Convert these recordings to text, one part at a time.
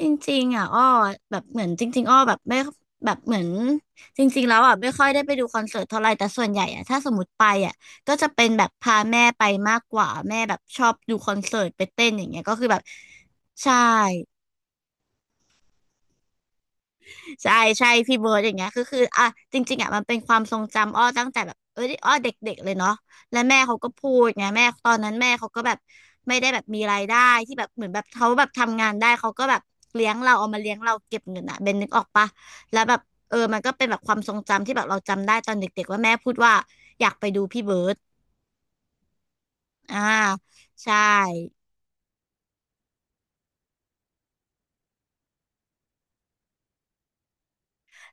จริงๆอ่ะอ้อแบบเหมือนจริงๆอ้อแบบไม่แบบเหมือนจริงๆแล้วอ่ะไม่ค่อยได้ไปดูคอนเสิร์ตเท่าไหร่แต่ส่วนใหญ่อ่ะถ้าสมมติไปอ่ะก็จะเป็นแบบพาแม่ไปมากกว่าแม่แบบชอบดูคอนเสิร์ตไปเต้นอย่างเงี้ยก็คือแบบใช่ ใช่ใช่พี่เบิร์ดอย่างเงี้ยคืออ่ะจริงๆอ่ะมันเป็นความทรงจำอ้อตั้งแต่แบบเอ้ยอ้อเด็กๆเลยเนาะและแม่เขาก็พูดไงแม่ตอนนั้นแม่เขาก็แบบไม่ได้แบบมีรายได้ที่แบบเหมือนแบบเขาแบบทำงานได้เขาก็แบบเลี้ยงเราเอามาเลี้ยงเราเก็บเงินอ่ะเบนนึกออกปะแล้วแบบเออมันก็เป็นแบบความทรงจำที่แบบเราจำได้ตอนเด็กๆว่าแม่พูดว่าอยากไปดูพี่เบิร์ดอ่าใช่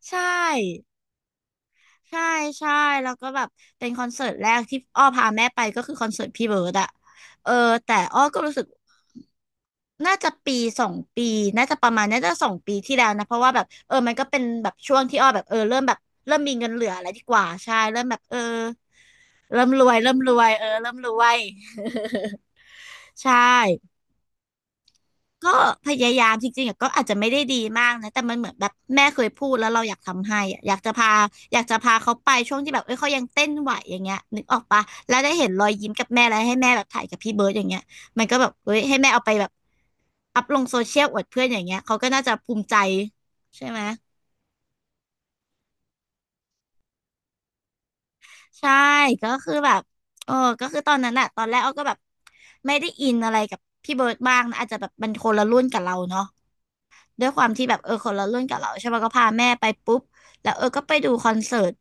ใช่ ใช่ใช่แล้วก็แบบเป็นคอนเสิร์ตแรกที่อ้อพาแม่ไปก็คือคอนเสิร์ตพี่เบิร์ดอะเออแต่อ้อก็รู้สึกน่าจะปีสองปีน่าจะประมาณน่าจะสองปีที่แล้วนะเพราะว่าแบบเออมันก็เป็นแบบช่วงที่อ้อแบบเออเริ่มแบบเริ่มมีเงินเหลืออะไรดีกว่าใช่เริ่มแบบเออเริ่มรวยเริ่มรวยเออเริ่มรวย ใช่ ก็พยายามจริงๆอะก็อาจจะไม่ได้ดีมากนะแต่มันเหมือนแบบแม่เคยพูดแล้วเราอยากทำให้อะอยากจะพาเขาไปช่วงที่แบบเอ้ยเขายังเต้นไหวอย่างเงี้ยนึกออกปะแล้วได้เห็นรอยยิ้มกับแม่แล้วให้แม่แบบถ่ายกับพี่เบิร์ดอย่างเงี้ยมันก็แบบเฮ้ยให้แม่เอาไปแบบอัพลงโซเชียลอวดเพื่อนอย่างเงี้ยเขาก็น่าจะภูมิใจใช่ไหมใช่ก็คือแบบเออก็คือตอนนั้นอะตอนแรกอ้อก็แบบไม่ได้อินอะไรกับพี่เบิร์ดมากนะอาจจะแบบมันคนละรุ่นกับเราเนาะ ด้วยความที่แบบเออคนละรุ่นกับเราใช่ป่ะก็พาแม่ไปปุ๊บแล้วเออก็ไปดูคอนเสิร์ต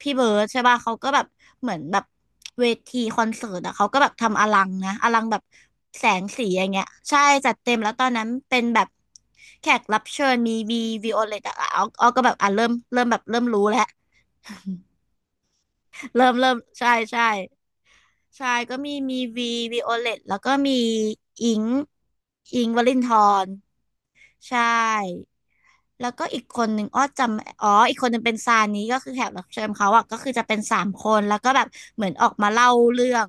พี่เบิร์ดใช่ป่ะเขาก็แบบเหมือนแบบเวทีคอนเสิร์ตอะเขาก็แบบทำอลังนะอลังแบบแสงสีอย่างเงี้ยใช่จัดเต็มแล้วตอนนั้นเป็นแบบแขกรับเชิญมีวีวีโอเลตอะเอาเอาก็แบบอ่ะเริ่มเริ่มแบบเริ่มรู้แล้วเริ่มเริ่มใช่ใช่ใช่ก็มีวีวีโอเลตแล้วก็มีอิงอิงค์วลินทร ใช่ แล้วก็อีกคนหนึ่งอ้อจำอ๋ออีกคนหนึ่งเป็นซานี้ก็คือแขกรับเชิญเขาอ่ะก็คือจะเป็น3 คนแล้วก็แบบเหมือนออกมาเล่าเรื่อง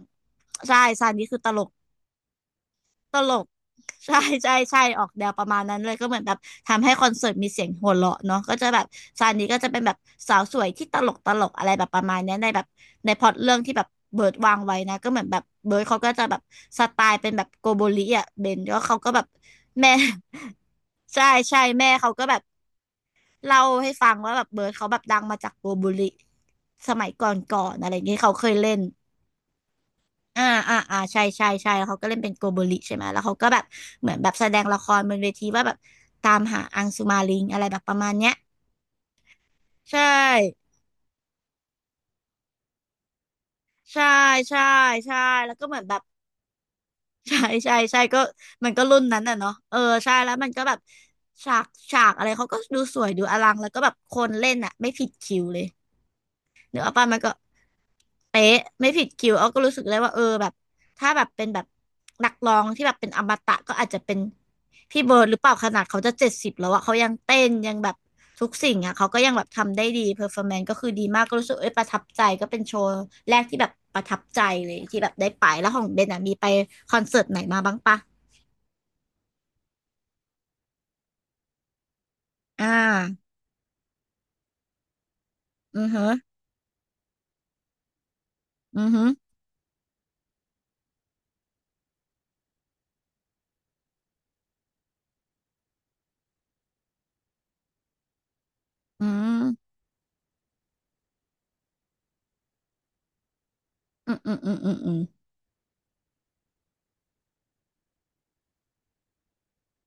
ใช่ซานี้คือตลก ตลก ใช่ใช่ใช่ออกแนวประมาณนั้นเลยก็เหมือนแบบทำให้คอนเสิร์ตมีเสียงหัวเราะเนาะก็จะแบบซานี้ก็จะเป็นแบบสาวสวยที่ตลกตลกอะไรแบบประมาณเนี้ยในแบบในพล็อตเรื่องที่แบบเบิร์ดวางไว้นะก็เหมือนแบบเบิร์ดเขาก็จะแบบสไตล์เป็นแบบโกโบริอ่ะเบนแล้วเขาก็แบบแม่ ใช่ใช่แม่เขาก็แบบเล่าให้ฟังว่าแบบเบิร์ดเขาแบบดังมาจากโกโบริสมัยก่อนๆออะไรอย่างเงี้ยเขาเคยเล่น อ่าอ่าอ่าใช่ใช่ใช่แล้วเขาก็เล่นเป็นโกโบริใช่ไหมแล้วเขาก็แบบเหมือนแบบแสดงละครบนเวทีว่าแบบตามหาอังสุมาลิงอะไรแบบประมาณเนี้ยใช่ใช่ใช่ใช่แล้วก็เหมือนแบบ ใช่ใช่ใช่ก็มันก็รุ่นนั้นน่ะเนาะเออใช่แล้วมันก็แบบฉากฉากอะไรเขาก็ดูสวยดูอลังแล้วก็แบบคนเล่นอ่ะไม่ผิดคิวเลย เนื้ออกป้ามันก็เป๊ะไม่ผิดคิวเอาก็รู้สึกเลยว่าเออแบบถ้าแบบเป็นแบบนักร้องที่แบบเป็นอมตะก็อาจจะเป็นพี่เบิร์ดหรือเปล่าขนาดเขาจะ70แล้วอะเขายังเต้นยังแบบทุกสิ่งอะเขาก็ยังแบบทำได้ดีเพอร์ฟอร์แมนซ์ก็คือดีมากก็รู้สึกเอ้ยประทับใจก็เป็นโชว์แรกที่แบบประทับใจเลยที่แบบได้ไปแล้วของเบนอะมีไปคอนเสิร์ตไหนมาบ้างปะอ่าอือฮึอือฮึอืมอืมอืมอืมอืม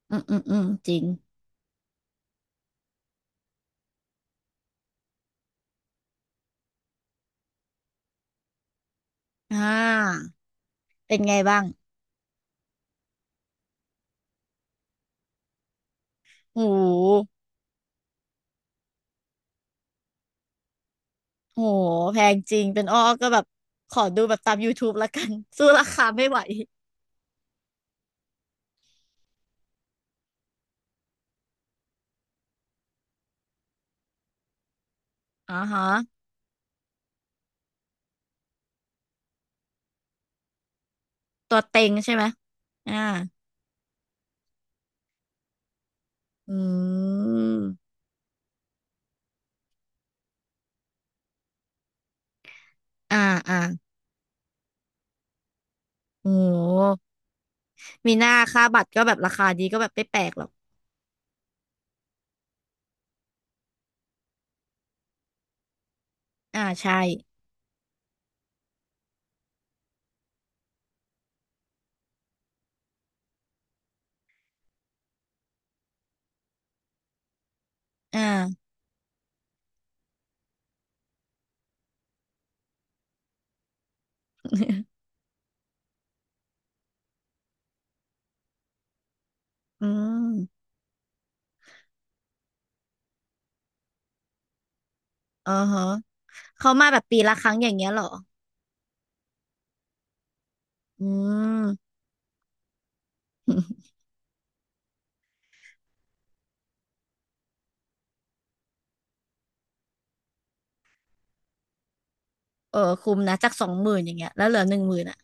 อืมอืมอืมอืมจริงอ่าเป็นไงบ้างโอ้โห โหแพงจริงเป็นอ้อก็แบบขอดูแบบตาม YouTube ละกัน สู้ราคาไม่ไหวอ่าฮะตัวเต็งใช่ไหมอ่าอืมอ่าอ่าโหมีหน้าค่าบัตรก็แบบราคาดีก็แบบไม่แปลกหรอกอ่าใช่อ่า อืมอ๋อฮะเขามาแบบปีละครั้งอย่างเงี้ยเหรออืม เออคุ้มนะจากสองหมื่นอย่างเงี้ยแล้วเหลือหนึ่งหมื่นอ่ะ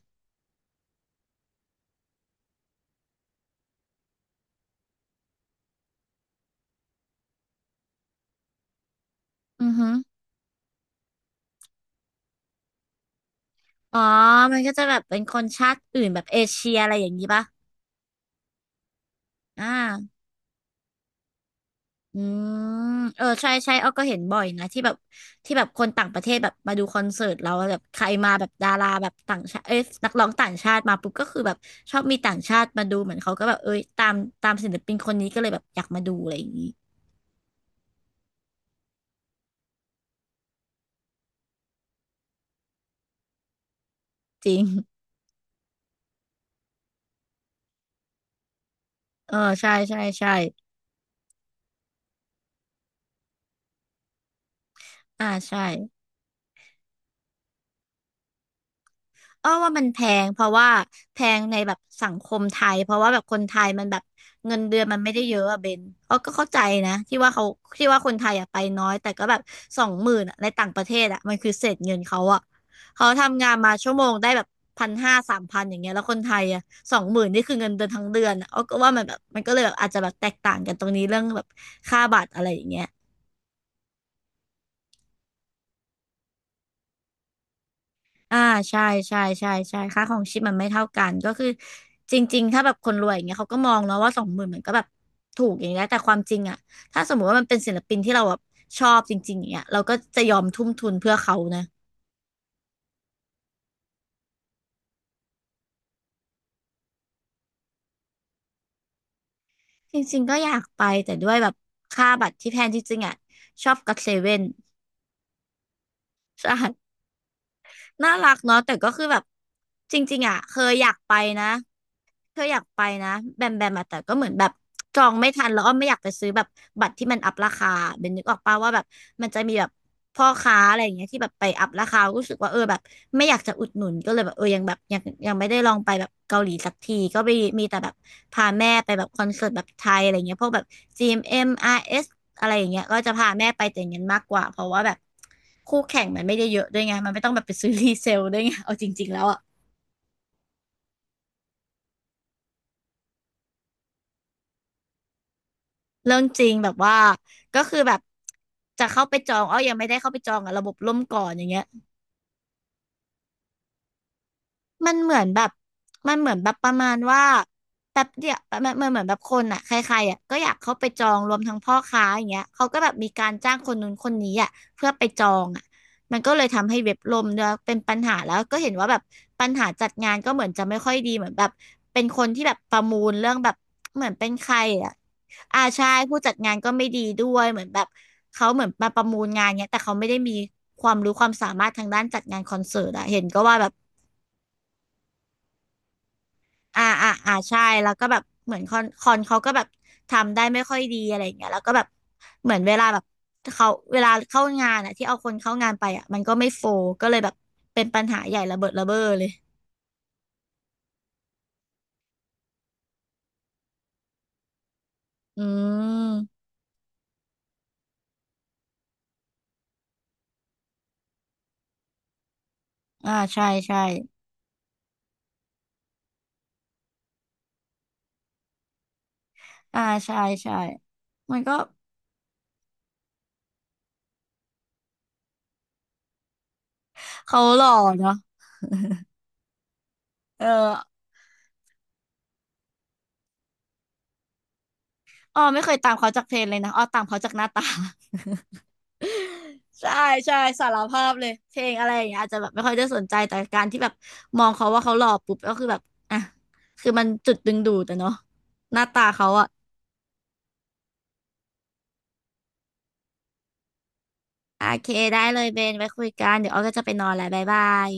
อือฮึอ๋อมันก็จะแบบเป็นคนชาติอื่นแบบเอเชียอะไรอย่างนี้ป่ะอ่า อืมเออใช่ใช่อ้อก็เห็นบ่อยนะที่แบบที่แบบคนต่างประเทศแบบมาดูคอนเสิร์ตเราแล้วแบบใครมาแบบดาราแบบต่างชาติเอ้ยนักร้องต่างชาติมาปุ๊บก็คือแบบชอบมีต่างชาติมาดูเหมือนเขาก็แบบเอ้ยตามศิลปินคนนี้ก็เลยแบบอยากมาดูอะไรอย่างนี้จริงเออใช่ใช่ใช่อ่าใช่ อ้อว่ามันแพงเพราะว่าแพงในแบบสังคมไทยเพราะว่าแบบคนไทยมันแบบเงินเดือนมันไม่ได้เยอะอะเบนอ้อก็เข้าใจนะที่ว่าคนไทยอะไปน้อยแต่ก็แบบสองหมื่นอะในต่างประเทศอะมันคือเศษเงินเขาอะเขาทำงานมาชั่วโมงได้แบบพันห้าสามพันอย่างเงี้ยแล้วคนไทยอะสองหมื่นนี่คือเงินเดือนทั้งเดือนอะอ้อก็ว่ามันแบบมันก็เลยแบบอาจจะแบบแตกต่างกันตรงนี้เรื่องแบบค่าบัตรอะไรอย่างเงี้ย อ่าใช่ใช่ใช่ใช่ค่าของชีพมันไม่เท่ากันก็คือจริงๆถ้าแบบคนรวยอย่างเงี้ยเขาก็มองเนาะว่าสองหมื่นมันก็แบบถูกอย่างเงี้ยแต่ความจริงอ่ะถ้าสมมติว่ามันเป็นศิลปินที่เราแบบชอบจริงๆอย่างเงี้ยเราก็จะยอมทุ่มทุนเพื่อเขานะจริงๆก็อยากไปแต่ด้วยแบบค่าบัตรที่แพงจริงๆอ่ะชอบก็อตเซเว่นใช่น่ารักเนาะแต่ก็คือแบบจริงๆอ่ะเคยอยากไปนะ เธออยากไปนะแบมแบมอะแต่ก็เหมือนแบบจองไม่ทันแล้วอ้อมไม่อยากไปซื้อแบบบัตรที่มันอัพราคาเบนนึกออกป่าวว่าแบบมันจะมีแบบพ่อค้าอะไรอย่างเงี้ยที่แบบไปอัพราคารู้สึกว่าเออแบบไม่อยากจะอุดหนุนก็เลยแบบเออยังแบบยังยังไม่ได้ลองไปแบบเกาหลีสักทีก็ไปมีแต่แบบพาแม่ไปแบบคอนเสิร์ตแบบไทยอะไรเงี้ยพวกแบบ GMM RS อมเอ็มอาร์เอสอะไรอย่างเงี้ยก็จะพาแม่ไปแต่อย่างนั้นมากกว่าเพราะว่าแบบคู่แข่งมันไม่ได้เยอะด้วยไงมันไม่ต้องแบบไปซื้อ รีเซลด้วยไงเอาจริงๆแล้วอะ เรื่องจริงแบบว่าก็คือแบบจะเข้าไปจองอ้อยังไม่ได้เข้าไปจองอะระบบล่มก่อนอย่างเงี้ย มันเหมือนแบบมันเหมือนแบบประมาณว่าแป๊บเดียวมันเหมือนแบบคนอ่ะใครๆอ่ะก็อยากเข้าไปจองรวมทั้งพ่อค้าอย่างเงี้ยเขาก็แบบมีการจ้างคนนู้นคนนี้อ่ะเพื่อไปจองอ่ะมันก็เลยทำให้เว็บล่มด้วยเป็นปัญหาแล้วก็เห็นว่าแบบปัญหาจัดงานก็เหมือนจะไม่ค่อยดีเหมือนแบบเป็นคนที่แบบประมูลเรื่องแบบเหมือนเป็นใครอ่ะอาใช่ผู้จัดงานก็ไม่ดีด้วยเหมือนแบบเขาเหมือนมาประมูลงานเนี้ยแต่เขาไม่ได้มีความรู้ความสามารถทางด้านจัดงานคอนเสิร์ตอ่ะเห็นก็ว่าแบบ อ่าอ่าอ่าใช่แล้วก็แบบเหมือนคอนเขาก็แบบทำได้ไม่ค่อยดีอะไรอย่างเงี้ยแล้วก็แบบเหมือนเวลาแบบเขาเวลาเข้างานอ่ะที่เอาคนเข้างานไปอ่ะมันก็ไม่โฟลก็เลยแบบเป็นปัญหาใหญ่ระเบิดระเบ้อเลยอืมอ่าใช่ใช่อ่าใช่ใช่มันก็เขาหล่อเนาะเอออ้อไม่เคยตามเขาจากเพลงเลยนะอ้อตามเขาจากหน้าตา ใช่ใช่สารภาพเลยเพลงอะไรอย่างเงี้ยอาจจะแบบไม่ค่อยได้สนใจแต่การที่แบบมองเขาว่าเขาหล่อปุ๊บก็คือแบบอ่ะคือมันจุดดึงดูดแต่เนาะหน้าตาเขาอะโอเคได้เลยเบนไว้คุยกันเดี๋ยวอ้อก็จะไปนอนแล้วบ๊ายบาย